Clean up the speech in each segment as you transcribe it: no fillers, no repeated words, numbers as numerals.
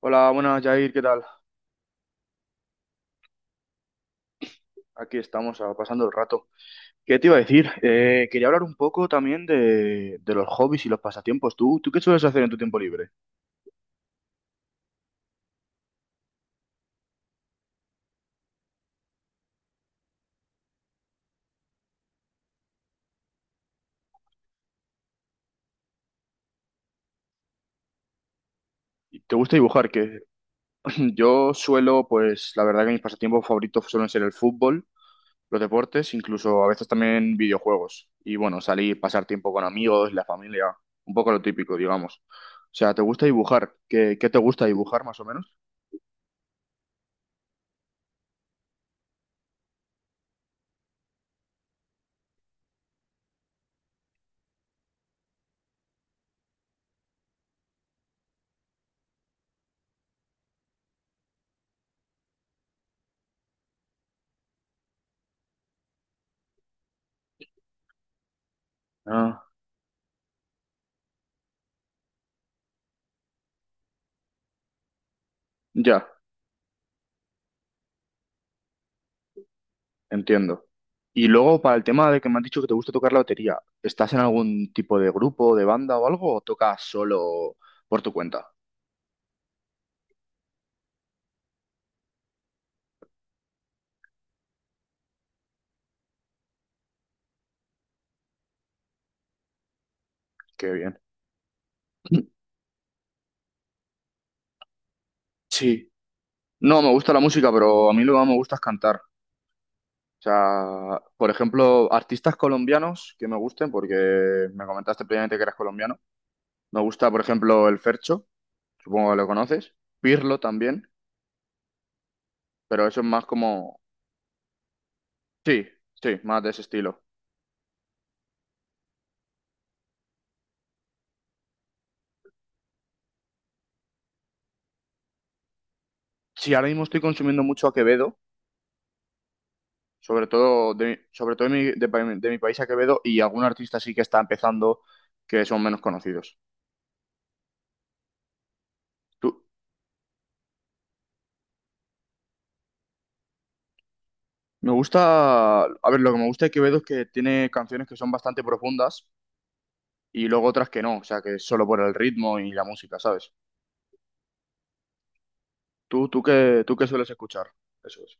Hola, buenas, Jair, ¿qué tal? Aquí estamos, pasando el rato. ¿Qué te iba a decir? Quería hablar un poco también de los hobbies y los pasatiempos. ¿¿Tú qué sueles hacer en tu tiempo libre? ¿Te gusta dibujar? Que yo suelo, pues la verdad que mis pasatiempos favoritos suelen ser el fútbol, los deportes, incluso a veces también videojuegos. Y bueno, salir, pasar tiempo con amigos, la familia, un poco lo típico, digamos. O sea, ¿te gusta dibujar? ¿¿Qué te gusta dibujar más o menos? Ah, ya. Entiendo. Y luego, para el tema de que me has dicho que te gusta tocar la batería, ¿estás en algún tipo de grupo, de banda o algo, o tocas solo por tu cuenta? Qué bien. Sí. No, me gusta la música, pero a mí lo que más me gusta es cantar. O sea, por ejemplo, artistas colombianos que me gusten, porque me comentaste previamente que eras colombiano. Me gusta, por ejemplo, el Fercho, supongo que lo conoces. Pirlo también, pero eso es más como... Sí, sí, más de ese estilo. Sí, ahora mismo estoy consumiendo mucho a Quevedo sobre todo de mi país a Quevedo y algún artista sí que está empezando que son menos conocidos. Tú- Me gusta, a ver, lo que me gusta de Quevedo es que tiene canciones que son bastante profundas y luego otras que no, o sea, que es solo por el ritmo y la música, ¿sabes? Tú, tú qué sueles escuchar? Eso es.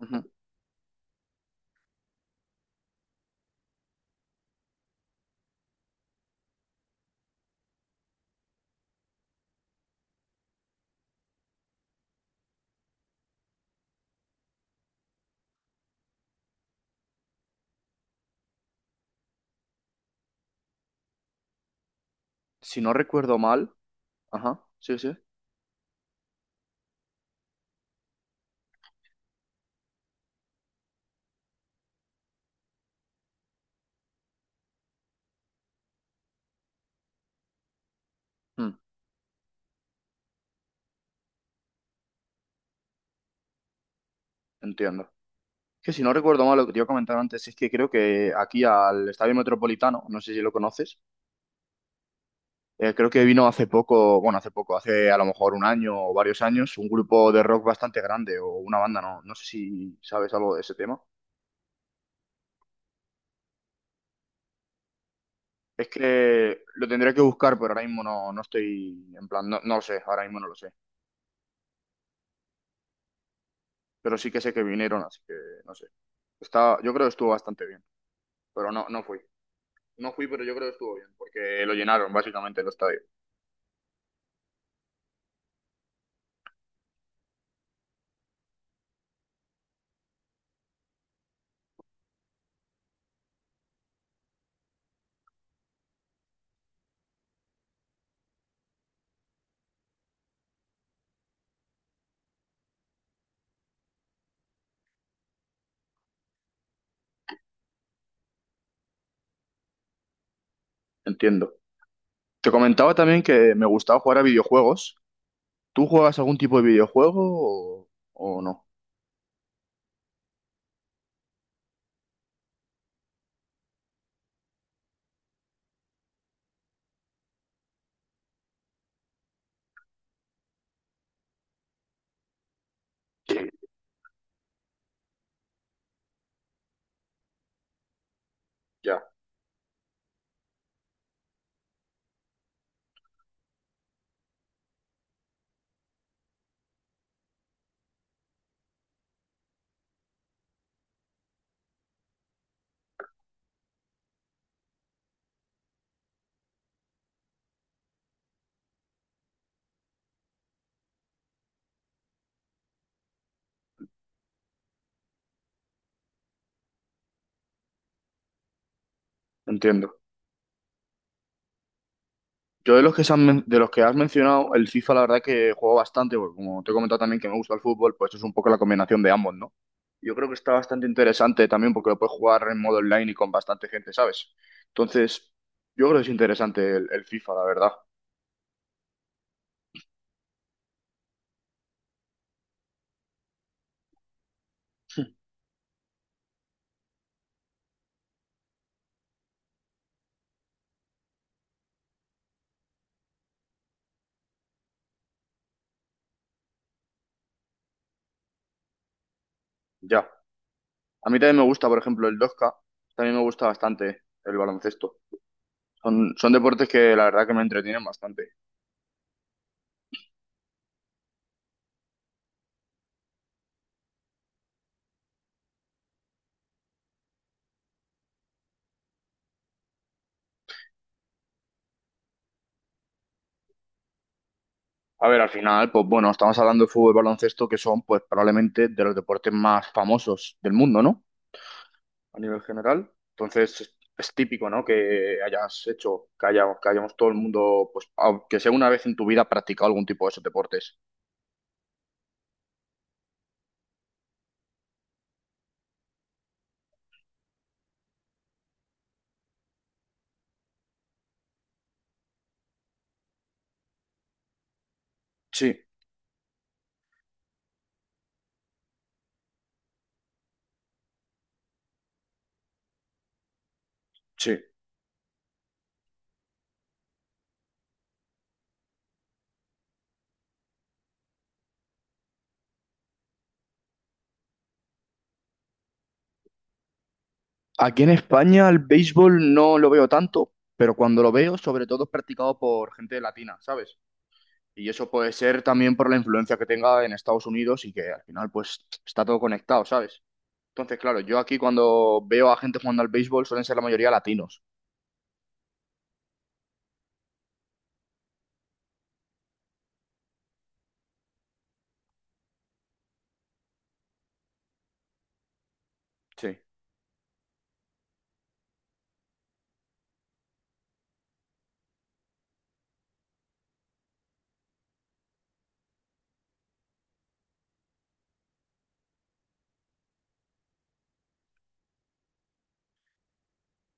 Ujú. Si no recuerdo mal, ajá, sí, sí. Mm, entiendo. Que si no recuerdo mal lo que te iba a comentar antes es que creo que aquí al Estadio Metropolitano, no sé si lo conoces. Creo que vino hace poco, bueno, hace poco, hace a lo mejor un año o varios años, un grupo de rock bastante grande o una banda, no, no sé si sabes algo de ese tema. Es que lo tendría que buscar, pero ahora mismo no, no estoy, en plan, no, no lo sé, ahora mismo no lo sé. Pero sí que sé que vinieron, así que no sé. Está, yo creo que estuvo bastante bien, pero no, no fui. No fui, pero yo creo que estuvo bien, porque lo llenaron básicamente el estadio. Entiendo. Te comentaba también que me gustaba jugar a videojuegos. ¿Tú juegas algún tipo de videojuego o, o no? Sí, ya, entiendo. Yo de los que se han de los que has mencionado, el FIFA la verdad que juego bastante, porque como te he comentado también que me gusta el fútbol, pues es un poco la combinación de ambos, ¿no? Yo creo que está bastante interesante también porque lo puedes jugar en modo online y con bastante gente, ¿sabes? Entonces, yo creo que es interesante el FIFA, la verdad. Ya. A mí también me gusta, por ejemplo, el 2K, también me gusta bastante el baloncesto. Son, son deportes que la verdad que me entretienen bastante. A ver, al final, pues bueno, estamos hablando de fútbol y baloncesto, que son pues probablemente de los deportes más famosos del mundo, ¿no? A nivel general. Entonces, es típico, ¿no? Que hayas hecho, que hayamos todo el mundo, pues, aunque sea una vez en tu vida, practicado algún tipo de esos deportes. Sí, sí. Aquí en España el béisbol no lo veo tanto, pero cuando lo veo, sobre todo es practicado por gente latina, ¿sabes? Y eso puede ser también por la influencia que tenga en Estados Unidos y que al final, pues, está todo conectado, ¿sabes? Entonces, claro, yo aquí cuando veo a gente jugando al béisbol suelen ser la mayoría latinos. Sí.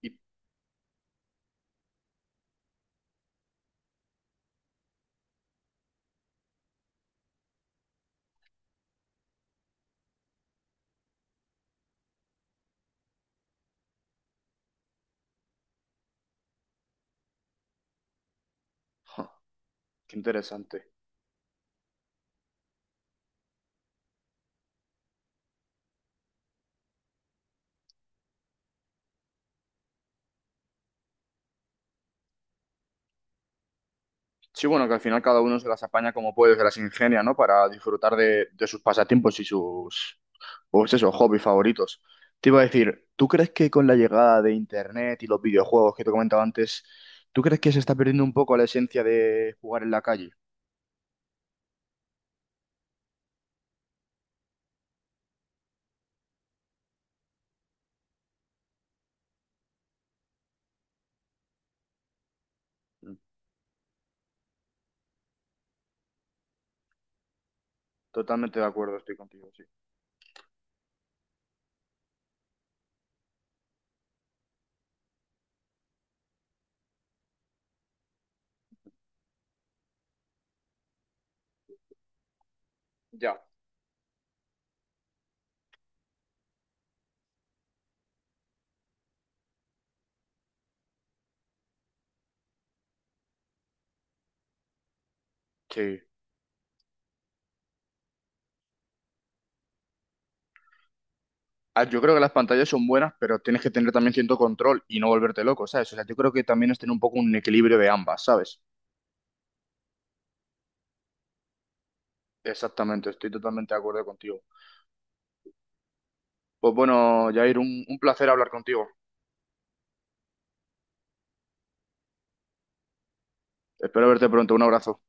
Y, ja, qué interesante. Sí, bueno, que al final cada uno se las apaña como puede, se las ingenia, ¿no? Para disfrutar de sus pasatiempos y sus, pues eso, hobbies favoritos. Te iba a decir, ¿tú crees que con la llegada de Internet y los videojuegos que te comentaba antes, ¿tú crees que se está perdiendo un poco la esencia de jugar en la calle? Mm, Totalmente de acuerdo, estoy contigo, sí. Ya. Sí. Yo creo que las pantallas son buenas, pero tienes que tener también cierto control y no volverte loco, ¿sabes? O sea, yo creo que también es tener un poco un equilibrio de ambas, ¿sabes? Exactamente, estoy totalmente de acuerdo contigo. Pues bueno, Jair, un placer hablar contigo. Espero verte pronto. Un abrazo.